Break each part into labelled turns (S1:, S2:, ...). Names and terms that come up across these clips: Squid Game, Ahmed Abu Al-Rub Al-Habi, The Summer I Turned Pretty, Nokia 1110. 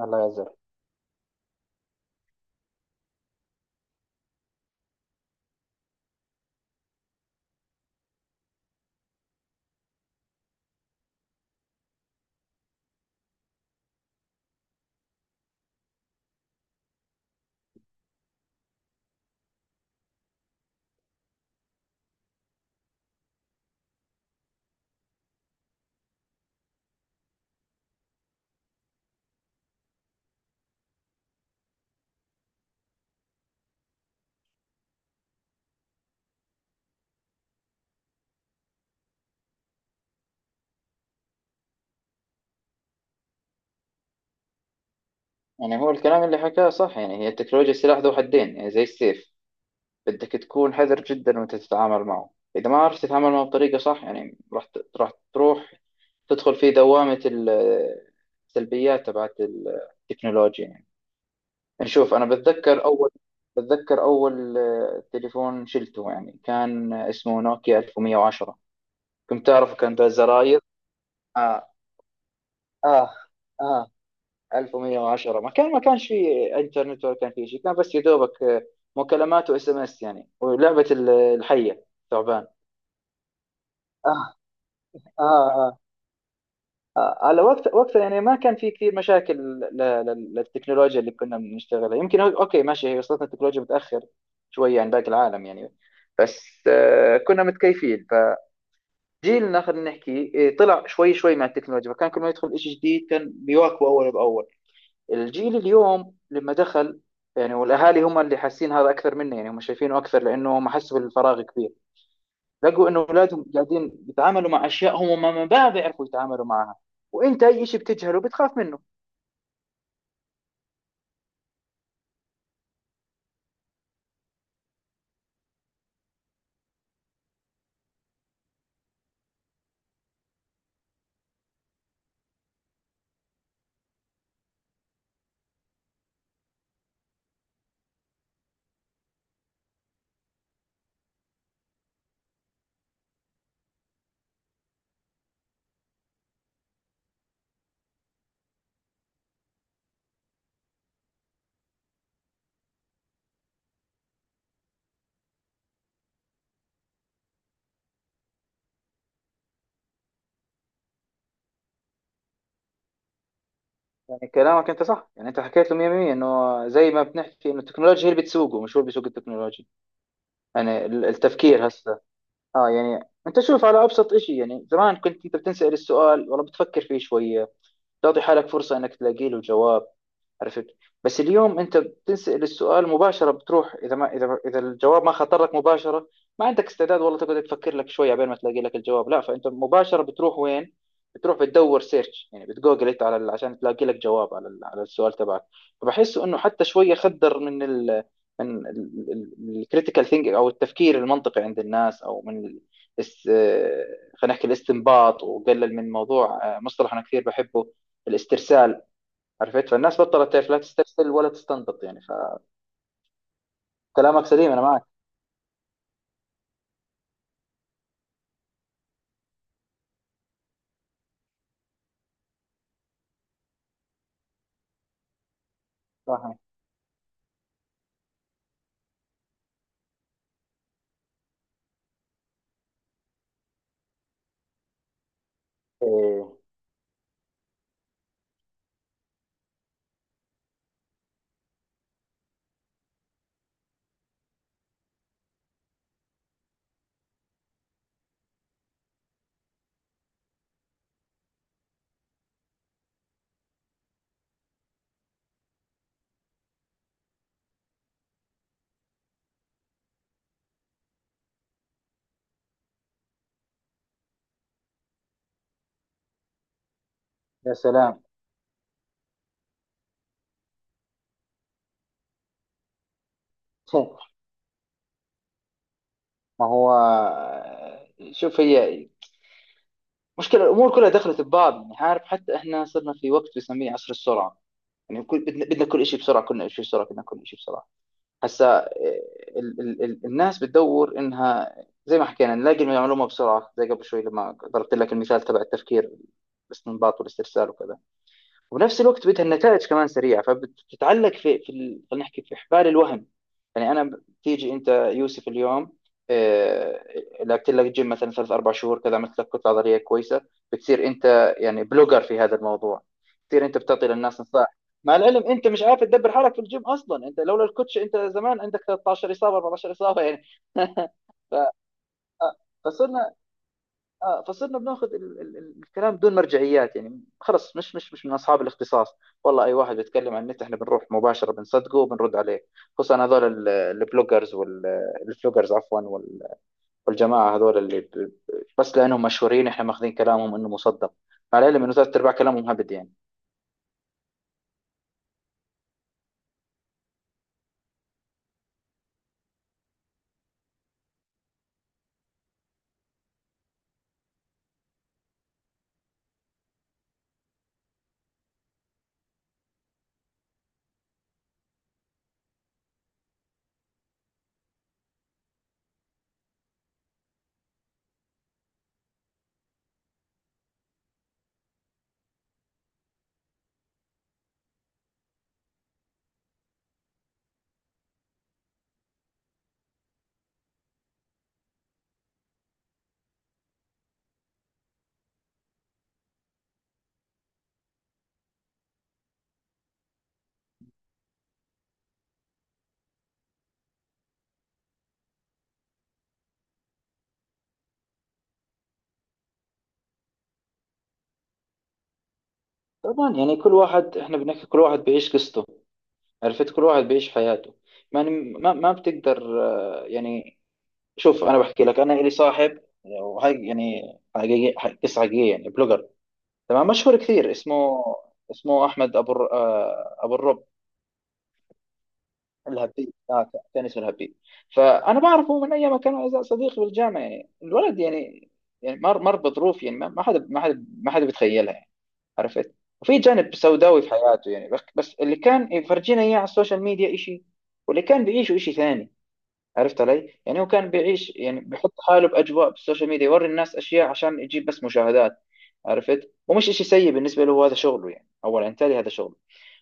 S1: الله يعذر. يعني هو الكلام اللي حكاه صح، يعني هي التكنولوجيا سلاح ذو حدين، يعني زي السيف. بدك تكون حذر جدا وانت تتعامل معه. اذا ما عرفت تتعامل معه بطريقه صح، يعني راح تروح تدخل في دوامه السلبيات تبعت التكنولوجيا، يعني. نشوف، انا بتذكر اول تليفون شلته، يعني كان اسمه نوكيا 1110. كنت تعرف، كان ذا زراير. اه، اه، اه. 1110 ما كانش في انترنت، ولا كان في شيء. كان بس يا دوبك، مكالمات واس ام اس، يعني، ولعبه الحيه، ثعبان. آه، آه، آه، آه. على وقتها، يعني ما كان في كثير مشاكل للتكنولوجيا اللي كنا بنشتغلها. يمكن اوكي ماشي، هي وصلتنا التكنولوجيا متاخر شوي عن باقي العالم، يعني. بس كنا متكيفين. فجيلنا، خلينا نحكي، طلع شوي شوي مع التكنولوجيا، فكان كل ما يدخل شيء جديد كان بيواكبه اول باول. الجيل اليوم لما دخل، يعني، والاهالي هم اللي حاسين هذا اكثر منه، يعني هم شايفينه اكثر، لانه هم حسوا بالفراغ كبير. لقوا انه اولادهم قاعدين بيتعاملوا مع اشياء هم ما بيعرفوا يتعاملوا معها، وانت اي شيء بتجهله بتخاف منه. يعني كلامك انت صح، يعني انت حكيت له 100%. انه زي ما بنحكي، انه التكنولوجيا هي اللي بتسوقه، مش هو اللي بيسوق التكنولوجيا. يعني التفكير هسه. اه، يعني، انت شوف على ابسط شيء. يعني زمان كنت انت بتنسال السؤال، والله بتفكر فيه شويه، تعطي حالك فرصه انك تلاقي له جواب. عرفت؟ بس اليوم انت بتنسأل السؤال مباشره بتروح. اذا الجواب ما خطر لك مباشره، ما عندك استعداد والله تقعد تفكر لك شويه عبين ما تلاقي لك الجواب. لا، فانت مباشره بتروح وين؟ بتروح بتدور سيرش، يعني بتجوجل انت على عشان تلاقي لك جواب على على السؤال تبعك. فبحس انه حتى شويه خدر من الكريتيكال ثينك، او التفكير المنطقي عند الناس، او من ال- الس- آه، خلينا نحكي الاستنباط، وقلل من موضوع، مصطلح انا كثير بحبه، الاسترسال. عرفت؟ فالناس بطلت تعرف لا تسترسل ولا تستنبط، يعني. فكلامك سليم، انا معك. صح. إيه. يا سلام. ما هو، شوف، هي مشكلة الأمور كلها دخلت ببعض. يعني عارف، حتى إحنا صرنا في وقت بنسميه عصر السرعة. يعني كل بدنا كل شيء بسرعة، كلنا شيء بسرعة، بدنا كل شيء بسرعة. هسا إيه، ال ال ال الناس بتدور إنها، زي ما حكينا، نلاقي المعلومة بسرعة، زي قبل شوي لما ضربت لك المثال تبع التفكير، الاستنباط والاسترسال وكذا. وبنفس الوقت بدها النتائج كمان سريعه، فبتتعلق في خلينا نحكي في حبال الوهم. يعني انا بتيجي انت، يوسف، اليوم، آه، لعبت لك جيم مثلا ثلاث اربع شهور كذا، عملت لك كتله عضليه كويسه، بتصير انت يعني بلوجر في هذا الموضوع، بتصير انت بتعطي للناس نصائح. مع العلم انت مش عارف تدبر حالك في الجيم اصلا. انت لولا الكوتش، انت زمان عندك 13 اصابه، 14 اصابه، يعني. فصرنا فصرنا بناخذ الكلام بدون مرجعيات، يعني. خلص مش من اصحاب الاختصاص. والله اي واحد بيتكلم عن النت، احنا بنروح مباشره بنصدقه وبنرد عليه، خصوصا هذول البلوجرز والفلوجرز، عفوا، والجماعه هذول بس لانهم مشهورين احنا ماخذين كلامهم انه مصدق، على العلم انه ثلاث ارباع كلامهم هبد، يعني. طبعا، يعني كل واحد احنا بنحكي، كل واحد بيعيش قصته. عرفت؟ كل واحد بيعيش حياته. يعني ما بتقدر يعني، شوف، انا بحكي لك، انا لي صاحب، وهي يعني، قصه حقيقيه، يعني بلوجر، تمام، مشهور كثير، اسمه احمد ابو الرب، الهبي. كان اسمه الهبي. فانا بعرفه من ايام ما كان صديقي بالجامعه، يعني الولد يعني، يعني مر بظروف، يعني ما حدا بيتخيلها، يعني. عرفت؟ وفي جانب سوداوي في حياته، يعني، بس اللي كان يفرجينا اياه على السوشيال ميديا شيء، واللي كان بيعيشه شيء ثاني. عرفت علي؟ يعني هو كان بيعيش، يعني بيحط حاله بأجواء بالسوشيال ميديا، يوري الناس أشياء عشان يجيب بس مشاهدات. عرفت؟ ومش إشي سيء بالنسبة له، هذا شغله يعني، أولا يعني تالي هذا شغله.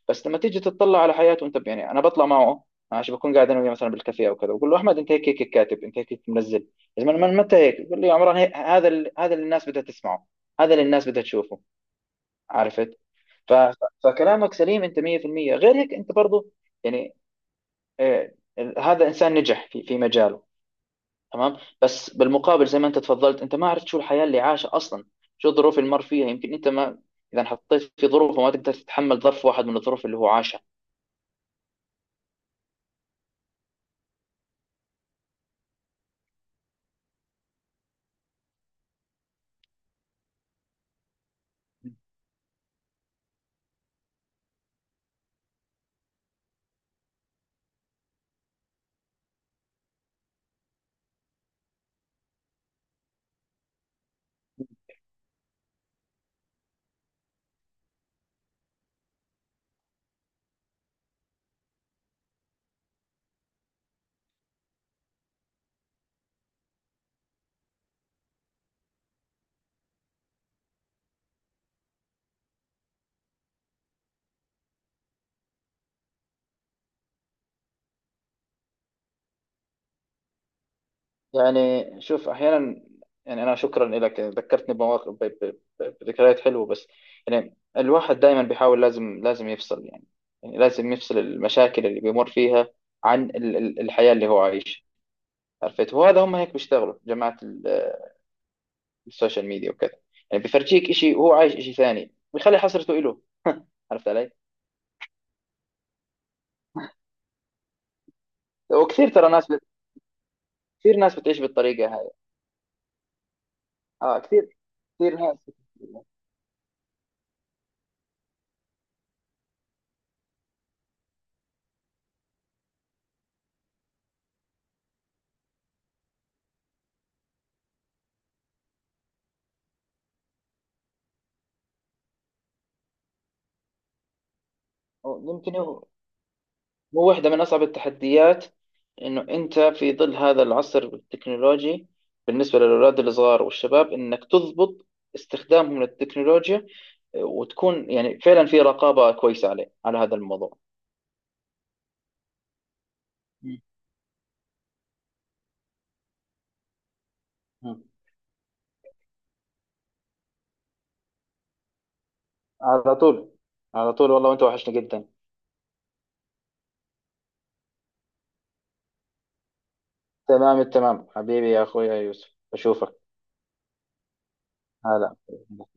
S1: بس لما تيجي تطلع على حياته أنت يعني، أنا بطلع معه ماشي، بكون قاعد أنا وياه مثلا بالكافيه أو كذا، بقول له أحمد، أنت هيك هيك كاتب، أنت هيك هيك منزل. يا زلمة من متى هيك؟ بقول لي يا عمران، هيك، هذا اللي الناس بدها تسمعه، هذا اللي الناس بدها تشوفه. عرفت؟ ف... ف- فكلامك سليم أنت 100%. غير هيك أنت برضه، يعني، آه، هذا إنسان نجح في مجاله. تمام، بس بالمقابل زي ما انت تفضلت، انت ما عرفت شو الحياه اللي عاشها اصلا، شو الظروف اللي مر فيها. يمكن انت ما، اذا حطيت في ظروفه، ما تقدر تتحمل ظرف واحد من الظروف اللي هو عاشها. يعني شوف، احيانا، يعني، انا شكرا لك ذكرتني بمواقف، بذكريات حلوه. بس يعني الواحد دائما بيحاول لازم لازم يفصل، يعني، يعني لازم يفصل المشاكل اللي بيمر فيها عن الحياه اللي هو عايشها. عرفت؟ وهذا هم هيك بيشتغلوا، جماعه السوشيال ميديا وكذا. يعني بيفرجيك شيء وهو عايش شيء ثاني، ويخلي حسرته له. عرفت علي؟ وكثير ترى ناس. كثير ناس بتعيش بالطريقة هاي. اه، كثير. كثير ناس بت- يمكن هو واحدة من أصعب التحديات، إنه أنت في ظل هذا العصر التكنولوجي، بالنسبة للأولاد الصغار والشباب، إنك تضبط استخدامهم للتكنولوجيا، وتكون يعني فعلا في رقابة كويسة عليه، على هذا الموضوع. مم. مم. على طول. على طول والله، وأنت وحشني جدا. تمام التمام، حبيبي يا أخويا يوسف، أشوفك. هلا.